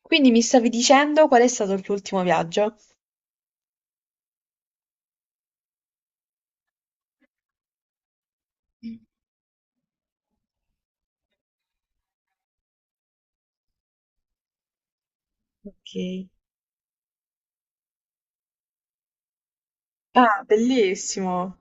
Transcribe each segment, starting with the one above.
Quindi mi stavi dicendo qual è stato il tuo ultimo viaggio? Ok. Ah, bellissimo.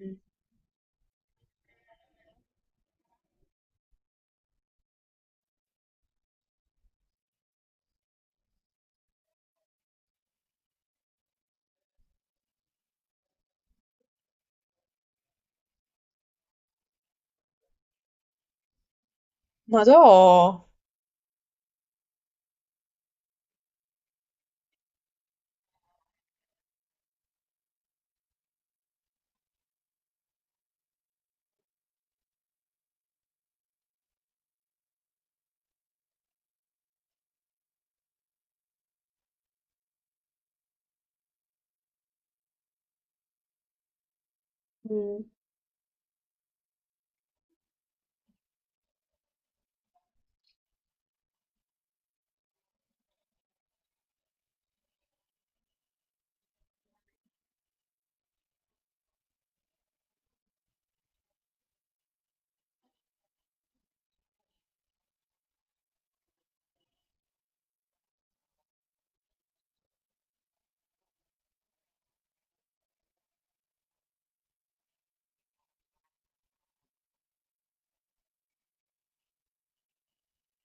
Mm. Ma tu? Mm.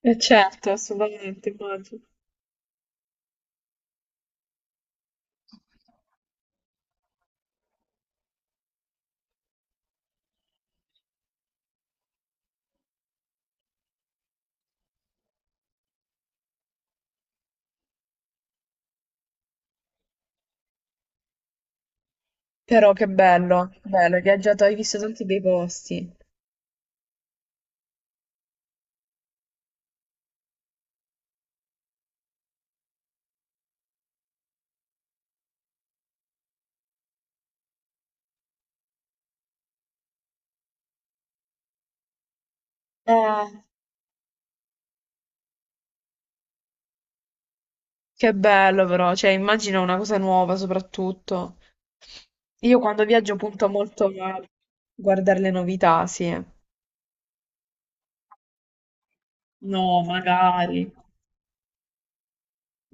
Eh certo, assolutamente, immagino. Però che bello, hai viaggiato, hai visto tanti bei posti. Eh, Che bello però, cioè immagino una cosa nuova soprattutto. Io quando viaggio punto molto a guardare le novità, sì. No, magari.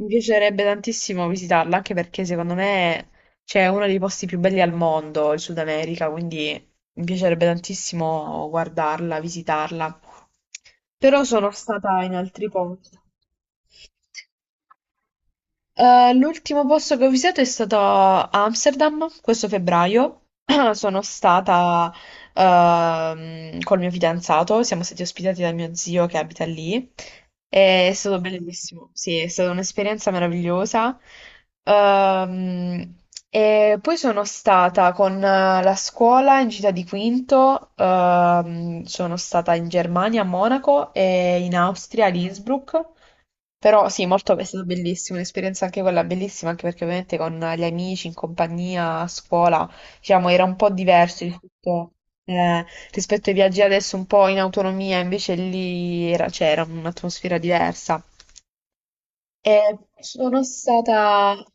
Mi piacerebbe tantissimo visitarla, anche perché secondo me c'è uno dei posti più belli al mondo, il Sud America, quindi mi piacerebbe tantissimo guardarla, visitarla. Però sono stata in altri posti. L'ultimo posto che ho visitato è stato Amsterdam, questo febbraio. Sono stata col mio fidanzato, siamo stati ospitati da mio zio che abita lì. È stato bellissimo, sì, è stata un'esperienza meravigliosa. Ehm, e poi sono stata con la scuola in città di Quinto, sono stata in Germania a Monaco e in Austria a Innsbruck. Però sì, molto, è stata bellissima, un'esperienza anche quella bellissima, anche perché ovviamente con gli amici, in compagnia, a scuola, diciamo, era un po' diverso rispetto, eh, rispetto ai viaggi adesso un po' in autonomia, invece lì c'era un'atmosfera diversa. E sono stata,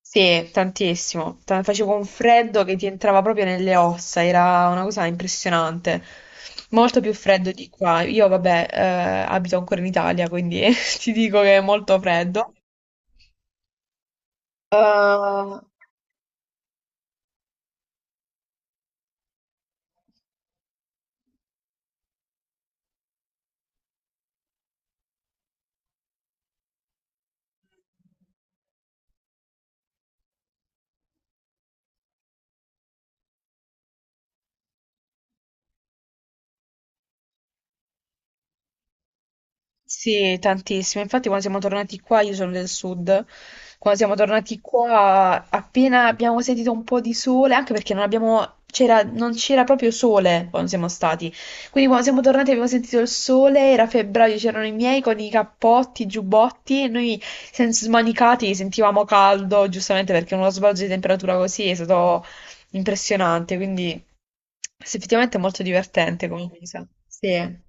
sì, tantissimo. Facevo un freddo che ti entrava proprio nelle ossa, era una cosa impressionante. Molto più freddo di qua. Io, vabbè, abito ancora in Italia, quindi ti dico che è molto freddo. Uh, sì, tantissimo. Infatti, quando siamo tornati qua, io sono del sud. Quando siamo tornati qua, appena abbiamo sentito un po' di sole, anche perché non abbiamo, c'era, non c'era proprio sole quando siamo stati. Quindi, quando siamo tornati, abbiamo sentito il sole. Era febbraio, c'erano i miei con i cappotti, i giubbotti. E noi, senza smanicati, sentivamo caldo, giustamente perché uno sbalzo di temperatura così è stato impressionante. Quindi, sì, effettivamente è molto divertente come cosa. Sì.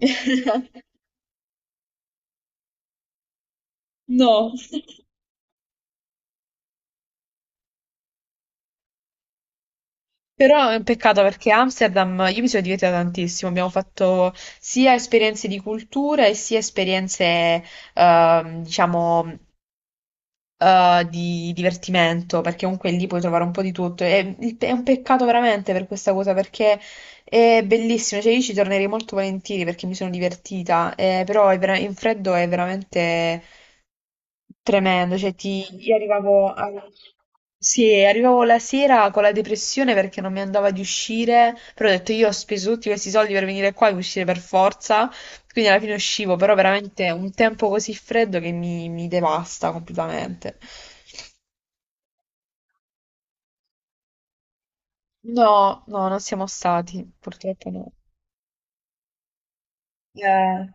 No, però è un peccato perché Amsterdam, io mi sono divertita tantissimo, abbiamo fatto sia esperienze di cultura e sia esperienze, diciamo, di divertimento, perché comunque lì puoi trovare un po' di tutto. E è un peccato veramente per questa cosa, perché è bellissimo, cioè io ci tornerei molto volentieri perché mi sono divertita, però è vera- in freddo è veramente tremendo, cioè ti, io sì, arrivavo la sera con la depressione perché non mi andava di uscire, però ho detto io ho speso tutti questi soldi per venire qua e uscire per forza, quindi alla fine uscivo, però veramente un tempo così freddo che mi devasta completamente. No, no, non siamo stati, purtroppo no. Eh,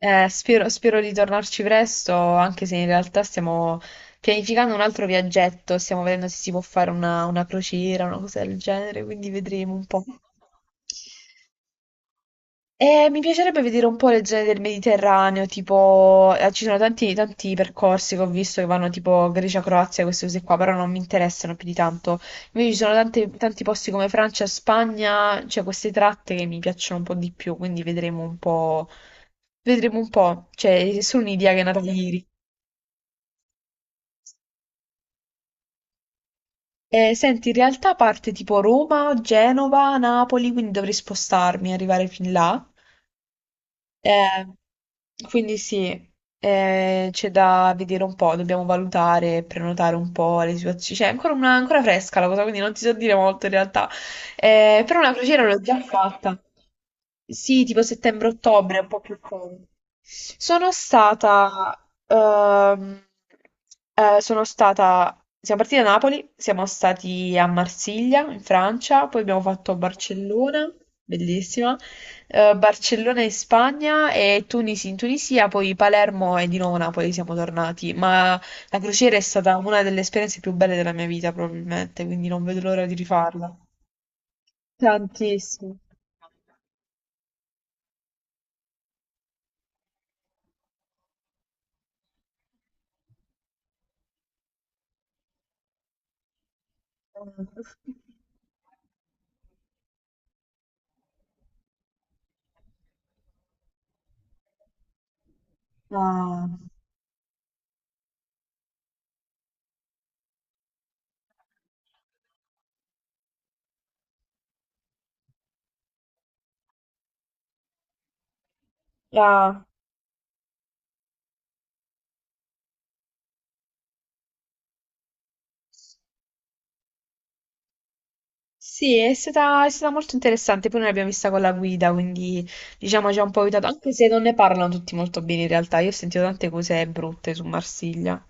spero, spero di tornarci presto, anche se in realtà stiamo pianificando un altro viaggetto, stiamo vedendo se si può fare una crociera, una cosa del genere, quindi vedremo un po'. Mi piacerebbe vedere un po' le zone del Mediterraneo, tipo, ci sono tanti, tanti percorsi che ho visto che vanno tipo Grecia, Croazia, queste cose qua, però non mi interessano più di tanto. Invece ci sono tanti, tanti posti come Francia, Spagna, cioè queste tratte che mi piacciono un po' di più, quindi vedremo un po', cioè è solo un'idea che è nata ieri. Senti, in realtà parte tipo Roma, Genova, Napoli, quindi dovrei spostarmi e arrivare fin là. Eh, quindi sì, c'è da vedere un po', dobbiamo valutare, prenotare un po' le situazioni. Cioè, è ancora, ancora fresca la cosa, quindi non ti so dire molto in realtà. Però una crociera l'ho già fatta. Sì, tipo settembre-ottobre, un po' più comodo. Sono stata, ehm, sono stata, siamo partiti da Napoli, siamo stati a Marsiglia, in Francia, poi abbiamo fatto Barcellona, bellissima, Barcellona in Spagna e Tunisi in Tunisia, poi Palermo e di nuovo Napoli siamo tornati, ma la crociera è stata una delle esperienze più belle della mia vita probabilmente, quindi non vedo l'ora di rifarla. Tantissimo. Ah, ah. Sì, è stata molto interessante. Poi noi l'abbiamo vista con la guida, quindi diciamo ci ha un po' aiutato, anche se non ne parlano tutti molto bene in realtà. Io ho sentito tante cose brutte su Marsiglia.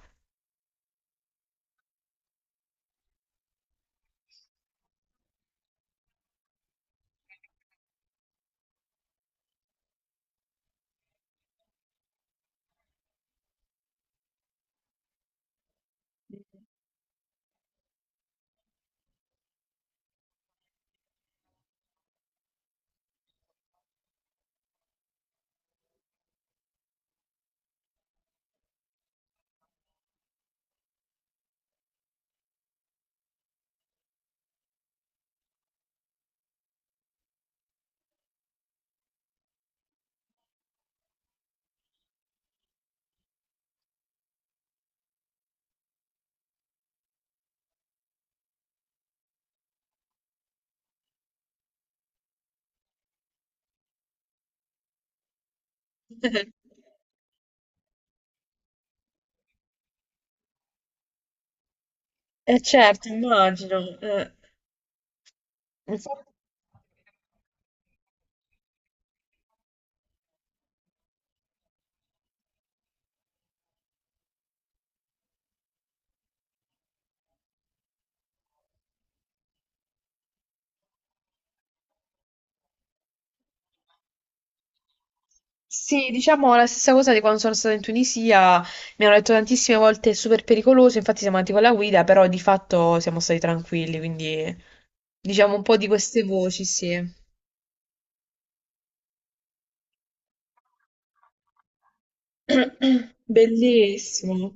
Eh certo, immagino. Infatti, sì, diciamo la stessa cosa di quando sono stata in Tunisia, mi hanno detto tantissime volte è super pericoloso, infatti siamo andati con la guida, però di fatto siamo stati tranquilli, quindi diciamo un po' di queste voci, sì. Bellissimo.